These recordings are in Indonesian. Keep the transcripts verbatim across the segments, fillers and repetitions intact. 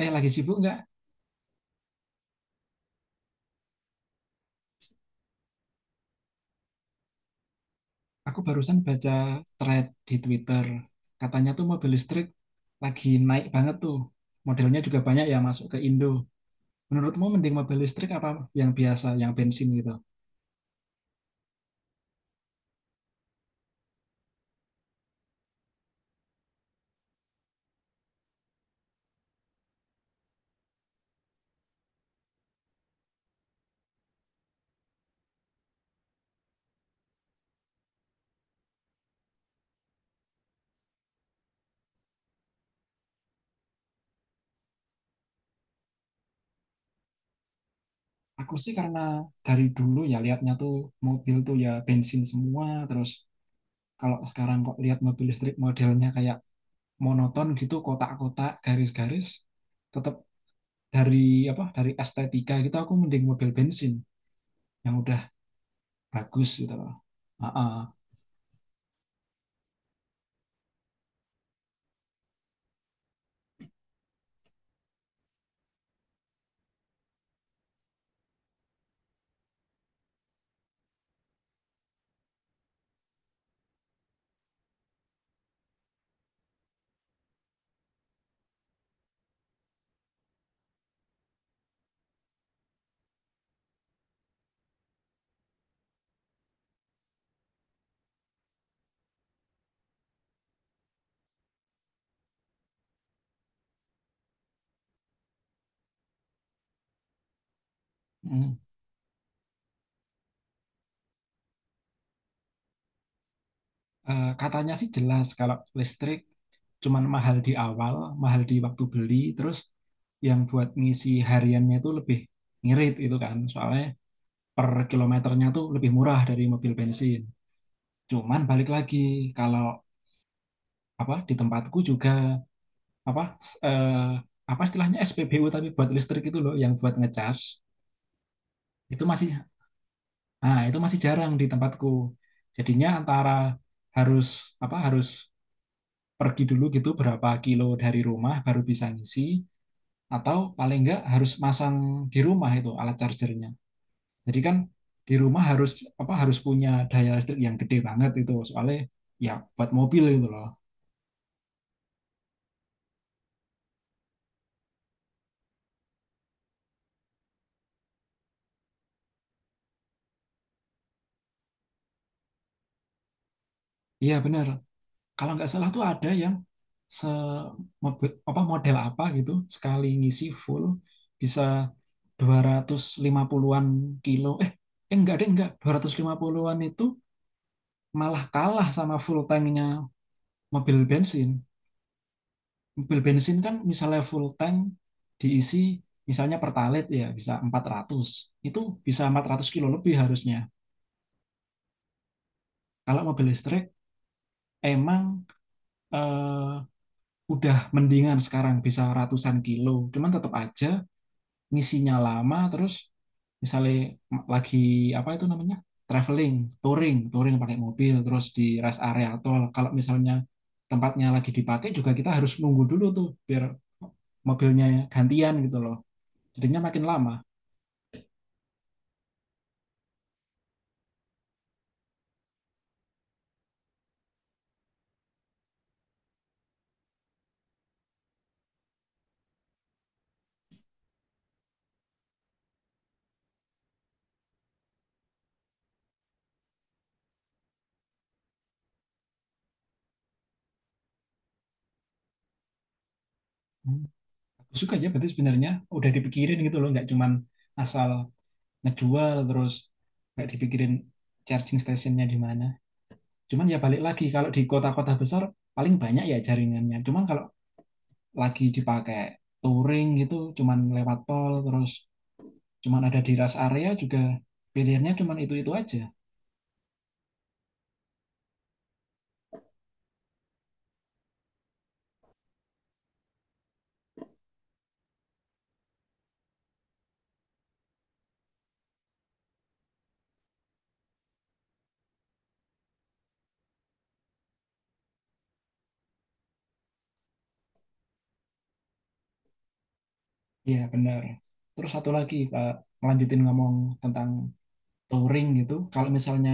Eh, lagi sibuk nggak? Aku barusan baca thread di Twitter. Katanya tuh mobil listrik lagi naik banget tuh. Modelnya juga banyak ya masuk ke Indo. Menurutmu mending mobil listrik apa yang biasa, yang bensin gitu? Aku sih karena dari dulu ya lihatnya tuh mobil tuh ya bensin semua. Terus kalau sekarang kok lihat mobil listrik modelnya kayak monoton gitu, kotak-kotak, garis-garis. Tetap dari apa? Dari estetika gitu aku mending mobil bensin yang udah bagus gitu loh. Ah, ah. Mm. Eh, katanya sih jelas kalau listrik cuman mahal di awal, mahal di waktu beli, terus yang buat ngisi hariannya itu lebih ngirit itu kan. Soalnya per kilometernya tuh lebih murah dari mobil bensin. Cuman balik lagi kalau apa di tempatku juga apa s- eh, apa istilahnya S P B U tapi buat listrik itu loh yang buat ngecas itu masih ah itu masih jarang di tempatku. Jadinya antara harus apa harus pergi dulu gitu berapa kilo dari rumah baru bisa ngisi atau paling enggak harus masang di rumah itu alat chargernya. Jadi kan di rumah harus apa harus punya daya listrik yang gede banget itu soalnya ya buat mobil itu loh. Iya benar. Kalau nggak salah tuh ada yang se mobe- apa model apa gitu sekali ngisi full bisa dua ratus lima puluhan-an kilo. Eh, eh enggak deh enggak dua ratus lima puluhan-an itu malah kalah sama full tanknya mobil bensin. Mobil bensin kan misalnya full tank diisi misalnya pertalite ya bisa empat ratus. Itu bisa empat ratus kilo lebih harusnya. Kalau mobil listrik emang eh, udah mendingan sekarang bisa ratusan kilo. Cuman tetap aja ngisinya lama terus misalnya lagi apa itu namanya? Traveling, touring, touring pakai mobil terus di rest area tol. Kalau misalnya tempatnya lagi dipakai juga kita harus nunggu dulu tuh biar mobilnya gantian gitu loh. Jadinya makin lama. Hmm. Bagus juga ya berarti sebenarnya udah dipikirin gitu loh nggak cuman asal ngejual terus nggak dipikirin charging stationnya di mana cuman ya balik lagi kalau di kota-kota besar paling banyak ya jaringannya cuman kalau lagi dipakai touring gitu cuman lewat tol terus cuman ada di rest area juga pilihannya cuman itu-itu aja. Iya benar, terus satu lagi Kak, ngelanjutin ngomong tentang touring gitu kalau misalnya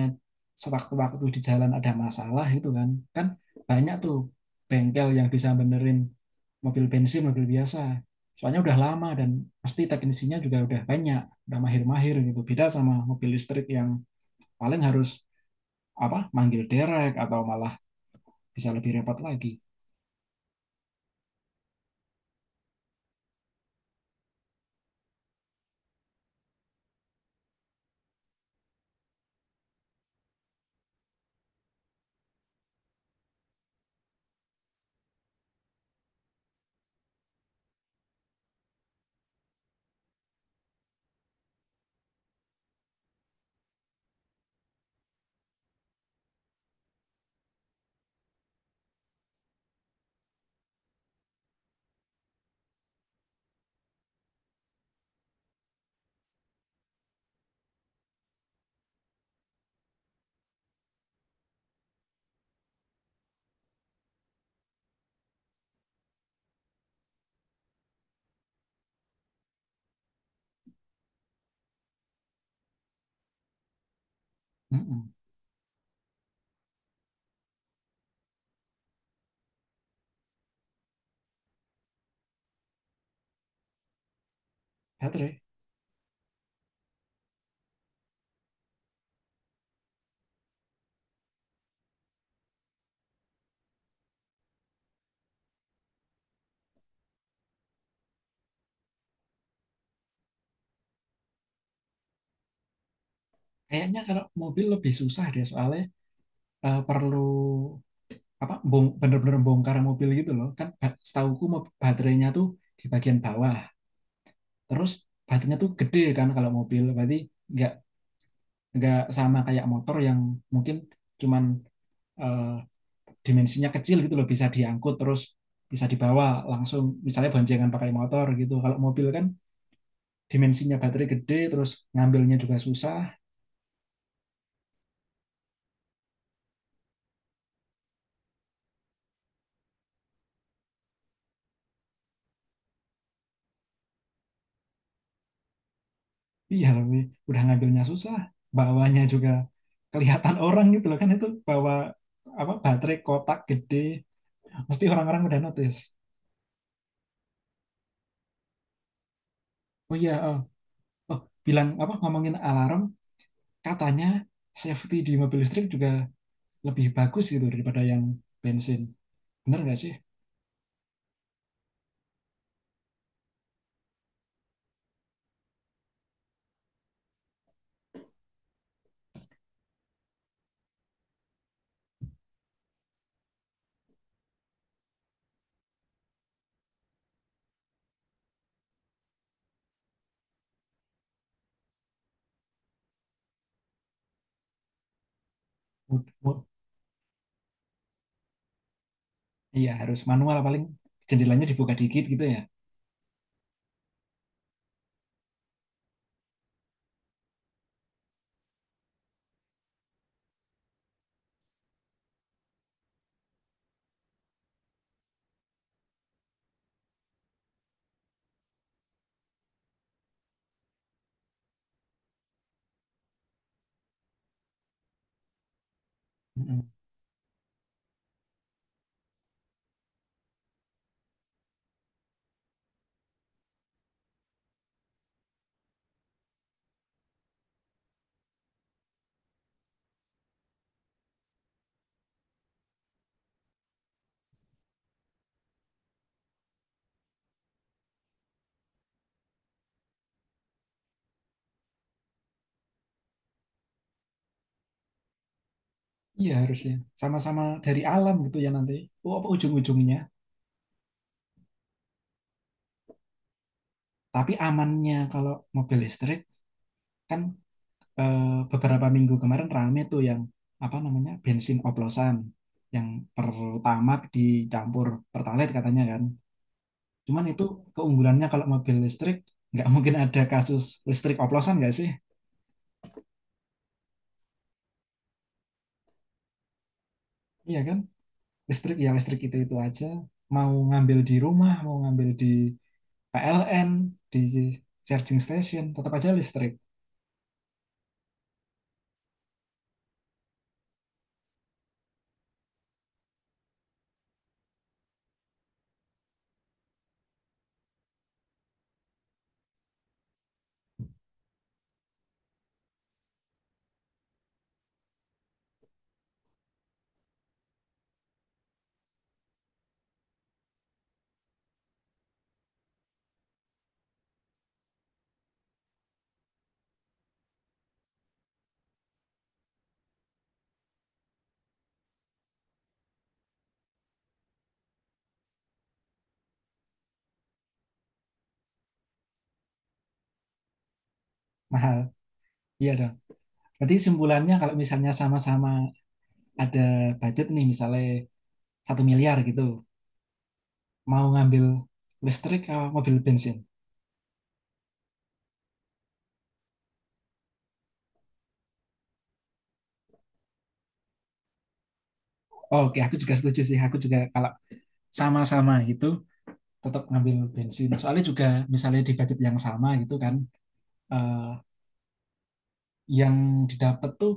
sewaktu-waktu di jalan ada masalah gitu kan kan banyak tuh bengkel yang bisa benerin mobil bensin mobil biasa soalnya udah lama dan pasti teknisinya juga udah banyak udah mahir-mahir gitu beda sama mobil listrik yang paling harus apa manggil derek atau malah bisa lebih repot lagi. Mm-mm. Baterai, kayaknya kalau mobil lebih susah deh soalnya eh, perlu apa bong, bener-bener bongkar mobil gitu loh kan ba- setahuku mau baterainya tuh di bagian bawah terus baterainya tuh gede kan kalau mobil berarti nggak nggak sama kayak motor yang mungkin cuman eh, dimensinya kecil gitu loh bisa diangkut terus bisa dibawa langsung misalnya boncengan pakai motor gitu kalau mobil kan dimensinya baterai gede terus ngambilnya juga susah. Iya lebih udah ngambilnya susah bawanya juga kelihatan orang gitu loh kan itu bawa apa baterai kotak gede. Mesti orang-orang udah notice. Oh iya, oh, oh, bilang apa ngomongin alarm, katanya safety di mobil listrik juga lebih bagus gitu daripada yang bensin. Bener nggak sih? Mud- mud- Iya harus manual paling jendelanya dibuka dikit gitu ya. Mm-mm. Iya harusnya sama-sama dari alam gitu ya nanti. Oh, apa ujung-ujungnya? Tapi amannya kalau mobil listrik kan eh, beberapa minggu kemarin rame tuh yang apa namanya bensin oplosan yang pertama dicampur pertalite katanya kan. Cuman itu keunggulannya kalau mobil listrik, nggak mungkin ada kasus listrik oplosan nggak sih? Iya kan? Listrik ya listrik itu-itu aja. Mau ngambil di rumah, mau ngambil di P L N, di charging station, tetap aja listrik. Mahal. Iya dong. Berarti simpulannya kalau misalnya sama-sama ada budget nih, misalnya satu miliar gitu, mau ngambil listrik atau mobil bensin? Oke, aku juga setuju sih. Aku juga kalau sama-sama gitu, tetap ngambil bensin. Soalnya juga misalnya di budget yang sama gitu kan, eh, yang didapat tuh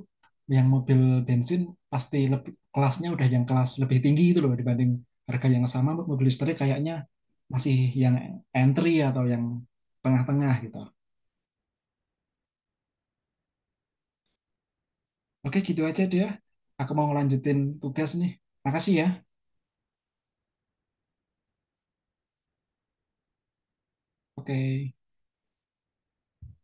yang mobil bensin pasti lebih kelasnya udah yang kelas lebih tinggi gitu loh dibanding harga yang sama mobil listrik kayaknya masih yang entry atau yang tengah-tengah gitu. Oke, gitu aja dia. Aku mau ngelanjutin tugas nih. Makasih ya. Oke.